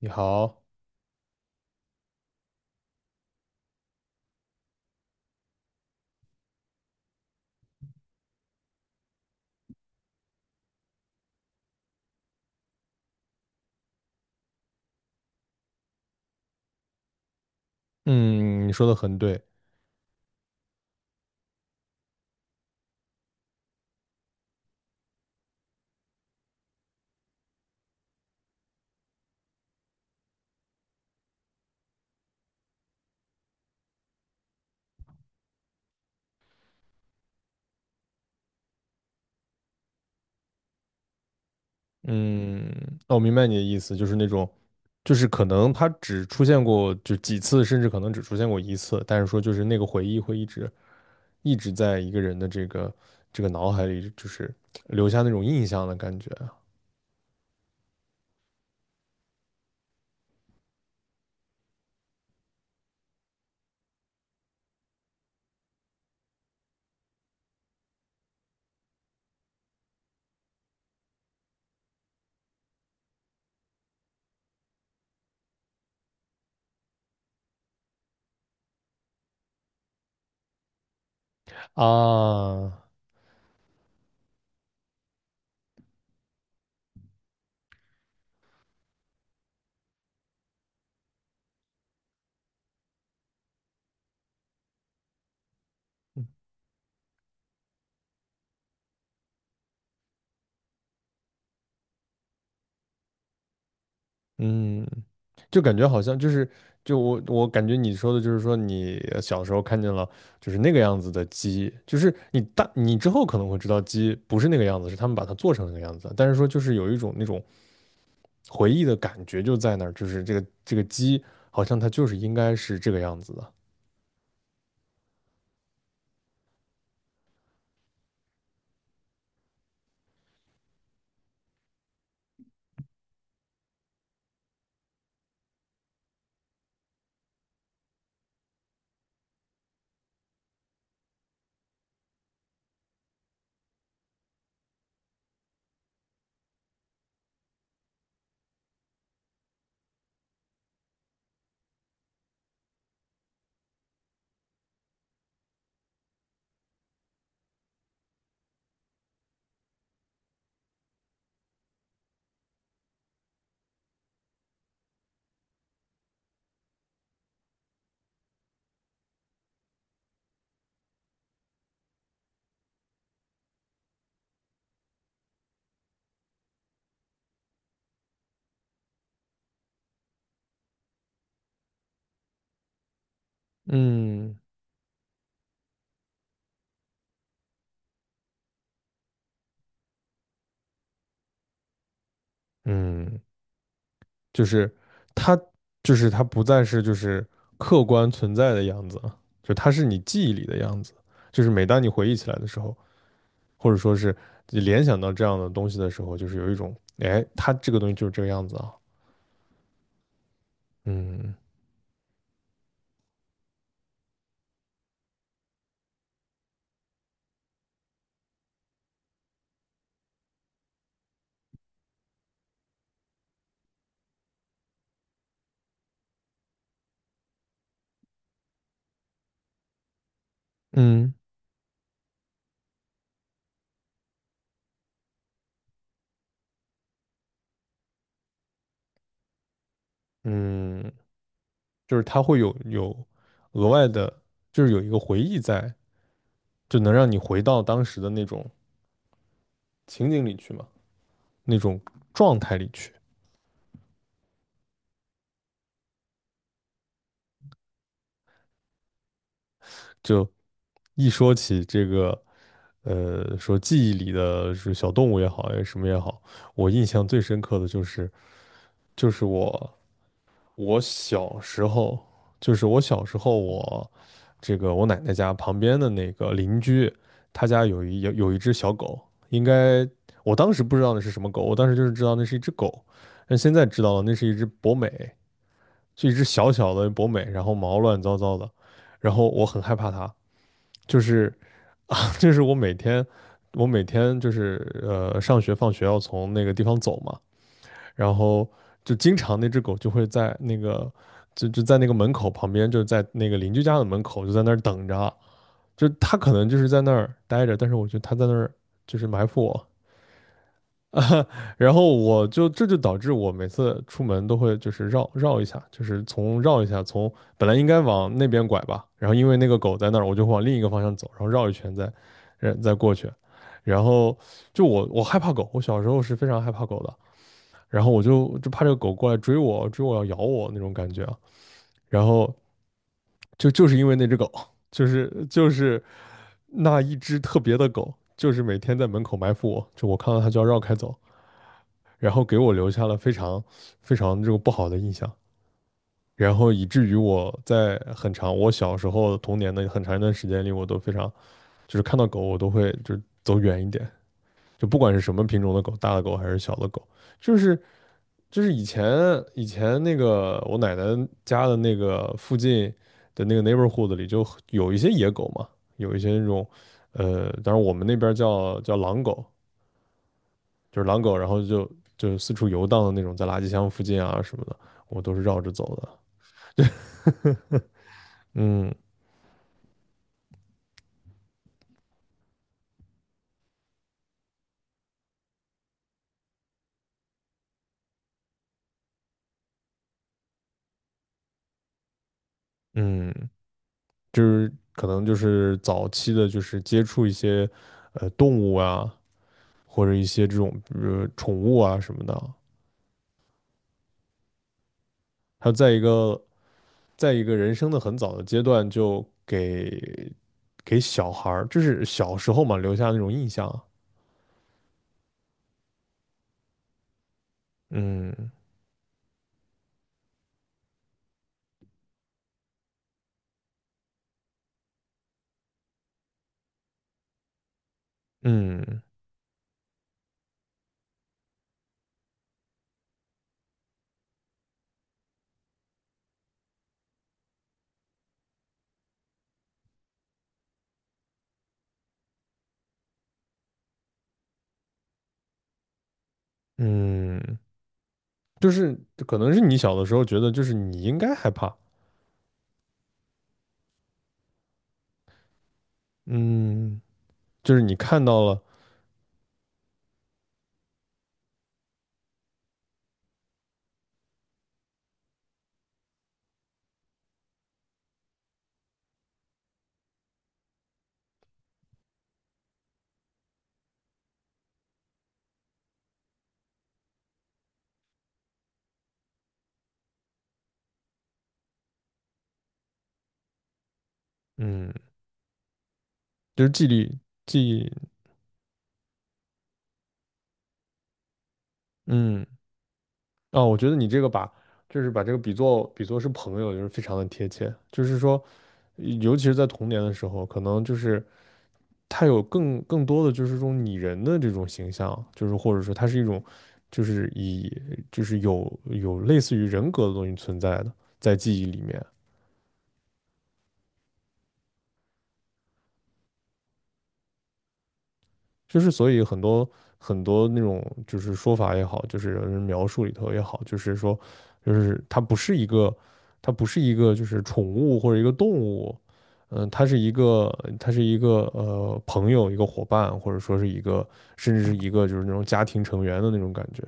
你好。嗯，你说的很对。嗯，那我明白你的意思，就是那种，就是可能它只出现过就几次，甚至可能只出现过一次，但是说就是那个回忆会一直一直在一个人的这个脑海里，就是留下那种印象的感觉啊。啊嗯，就感觉好像就是，就我感觉你说的就是说你小时候看见了就是那个样子的鸡，就是你之后可能会知道鸡不是那个样子，是他们把它做成那个样子，但是说就是有一种那种回忆的感觉就在那儿，就是这个鸡好像它就是应该是这个样子的。嗯嗯，就是它它不再是就是客观存在的样子了，就它是你记忆里的样子，就是每当你回忆起来的时候，或者说是联想到这样的东西的时候，就是有一种，哎，它这个东西就是这个样子啊。嗯嗯嗯，就是它会有额外的，就是有一个回忆在，就能让你回到当时的那种情景里去嘛，那种状态里去。就一说起这个，说记忆里的是小动物也好，哎，什么也好，我印象最深刻的就是，就是我小时候，就是我小时候我，这个我奶奶家旁边的那个邻居，他家有一只小狗。应该我当时不知道那是什么狗，我当时就是知道那是一只狗，但现在知道了那是一只博美，就一只小小的博美，然后毛乱糟糟的，然后我很害怕它，就是 就是我每天就是上学放学要从那个地方走嘛。然后就经常那只狗就会在那个就在那个门口旁边，就在那个邻居家的门口，就在那儿等着。就它可能就是在那儿待着，但是我觉得它在那儿就是埋伏我。然后我就这就导致我每次出门都会就是绕绕一下，就是从绕一下，从本来应该往那边拐吧，然后因为那个狗在那儿，我就往另一个方向走，然后绕一圈再，再过去。然后就我害怕狗，我小时候是非常害怕狗的，然后我就怕这个狗过来追我，追我要咬我那种感觉啊。然后就是因为那只狗，就是那一只特别的狗，就是每天在门口埋伏我，就我看到它就要绕开走，然后给我留下了非常非常这个不好的印象，然后以至于我在很长我小时候童年的很长一段时间里，我都非常就是看到狗我都会就走远一点，就不管是什么品种的狗，大的狗还是小的狗，就是就是以前以前那个我奶奶家的那个附近的那个 neighborhood 里就有一些野狗嘛，有一些那种，当然我们那边叫狼狗，就是狼狗，然后就四处游荡的那种，在垃圾箱附近啊什么的，我都是绕着走的。嗯嗯，就是可能就是早期的，就是接触一些动物啊，或者一些这种宠物啊什么的，他在一个人生的很早的阶段就给小孩儿，就是小时候嘛留下那种印象啊。嗯嗯嗯，就是可能是你小的时候觉得就是你应该害怕。嗯，就是你看到了。嗯，就是纪律，嗯啊，我觉得你这个把。就是把这个比作是朋友，就是非常的贴切。就是说，尤其是在童年的时候，可能就是它有更多的就是这种拟人的这种形象，就是或者说它是一种，就是以就是有有类似于人格的东西存在的，在记忆里面。就是所以很多很多那种就是说法也好，就是人描述里头也好，就是说就是它不是一个就是宠物或者一个动物。嗯，它是一个朋友一个伙伴，或者说是一个甚至是一个就是那种家庭成员的那种感觉。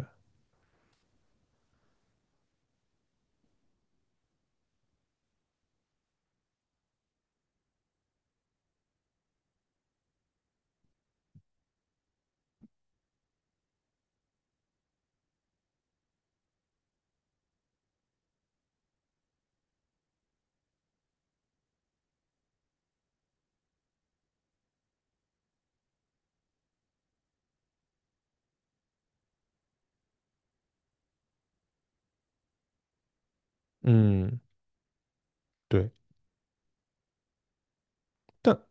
嗯。对。但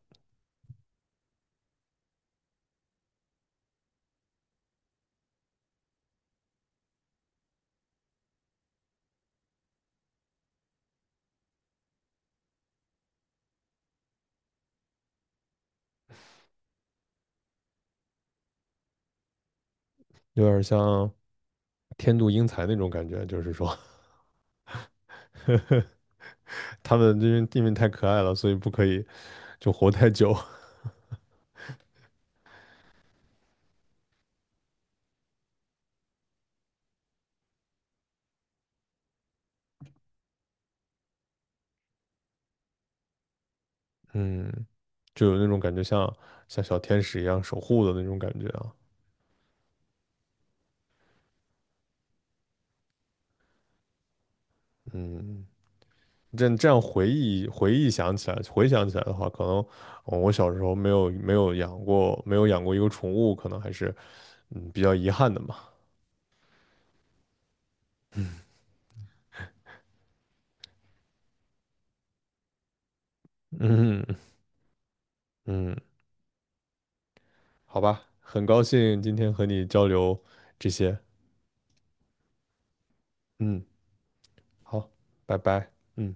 有点像天妒英才那种感觉，就是说 他们因为地面太可爱了，所以不可以就活太久。嗯，就有那种感觉像小天使一样守护的那种感觉啊。嗯，这样这样回忆回忆想起来回想起来的话，可能我小时候没有养过一个宠物，可能还是比较遗憾的嘛。嗯嗯，好吧，很高兴今天和你交流这些。嗯。好，拜拜。嗯。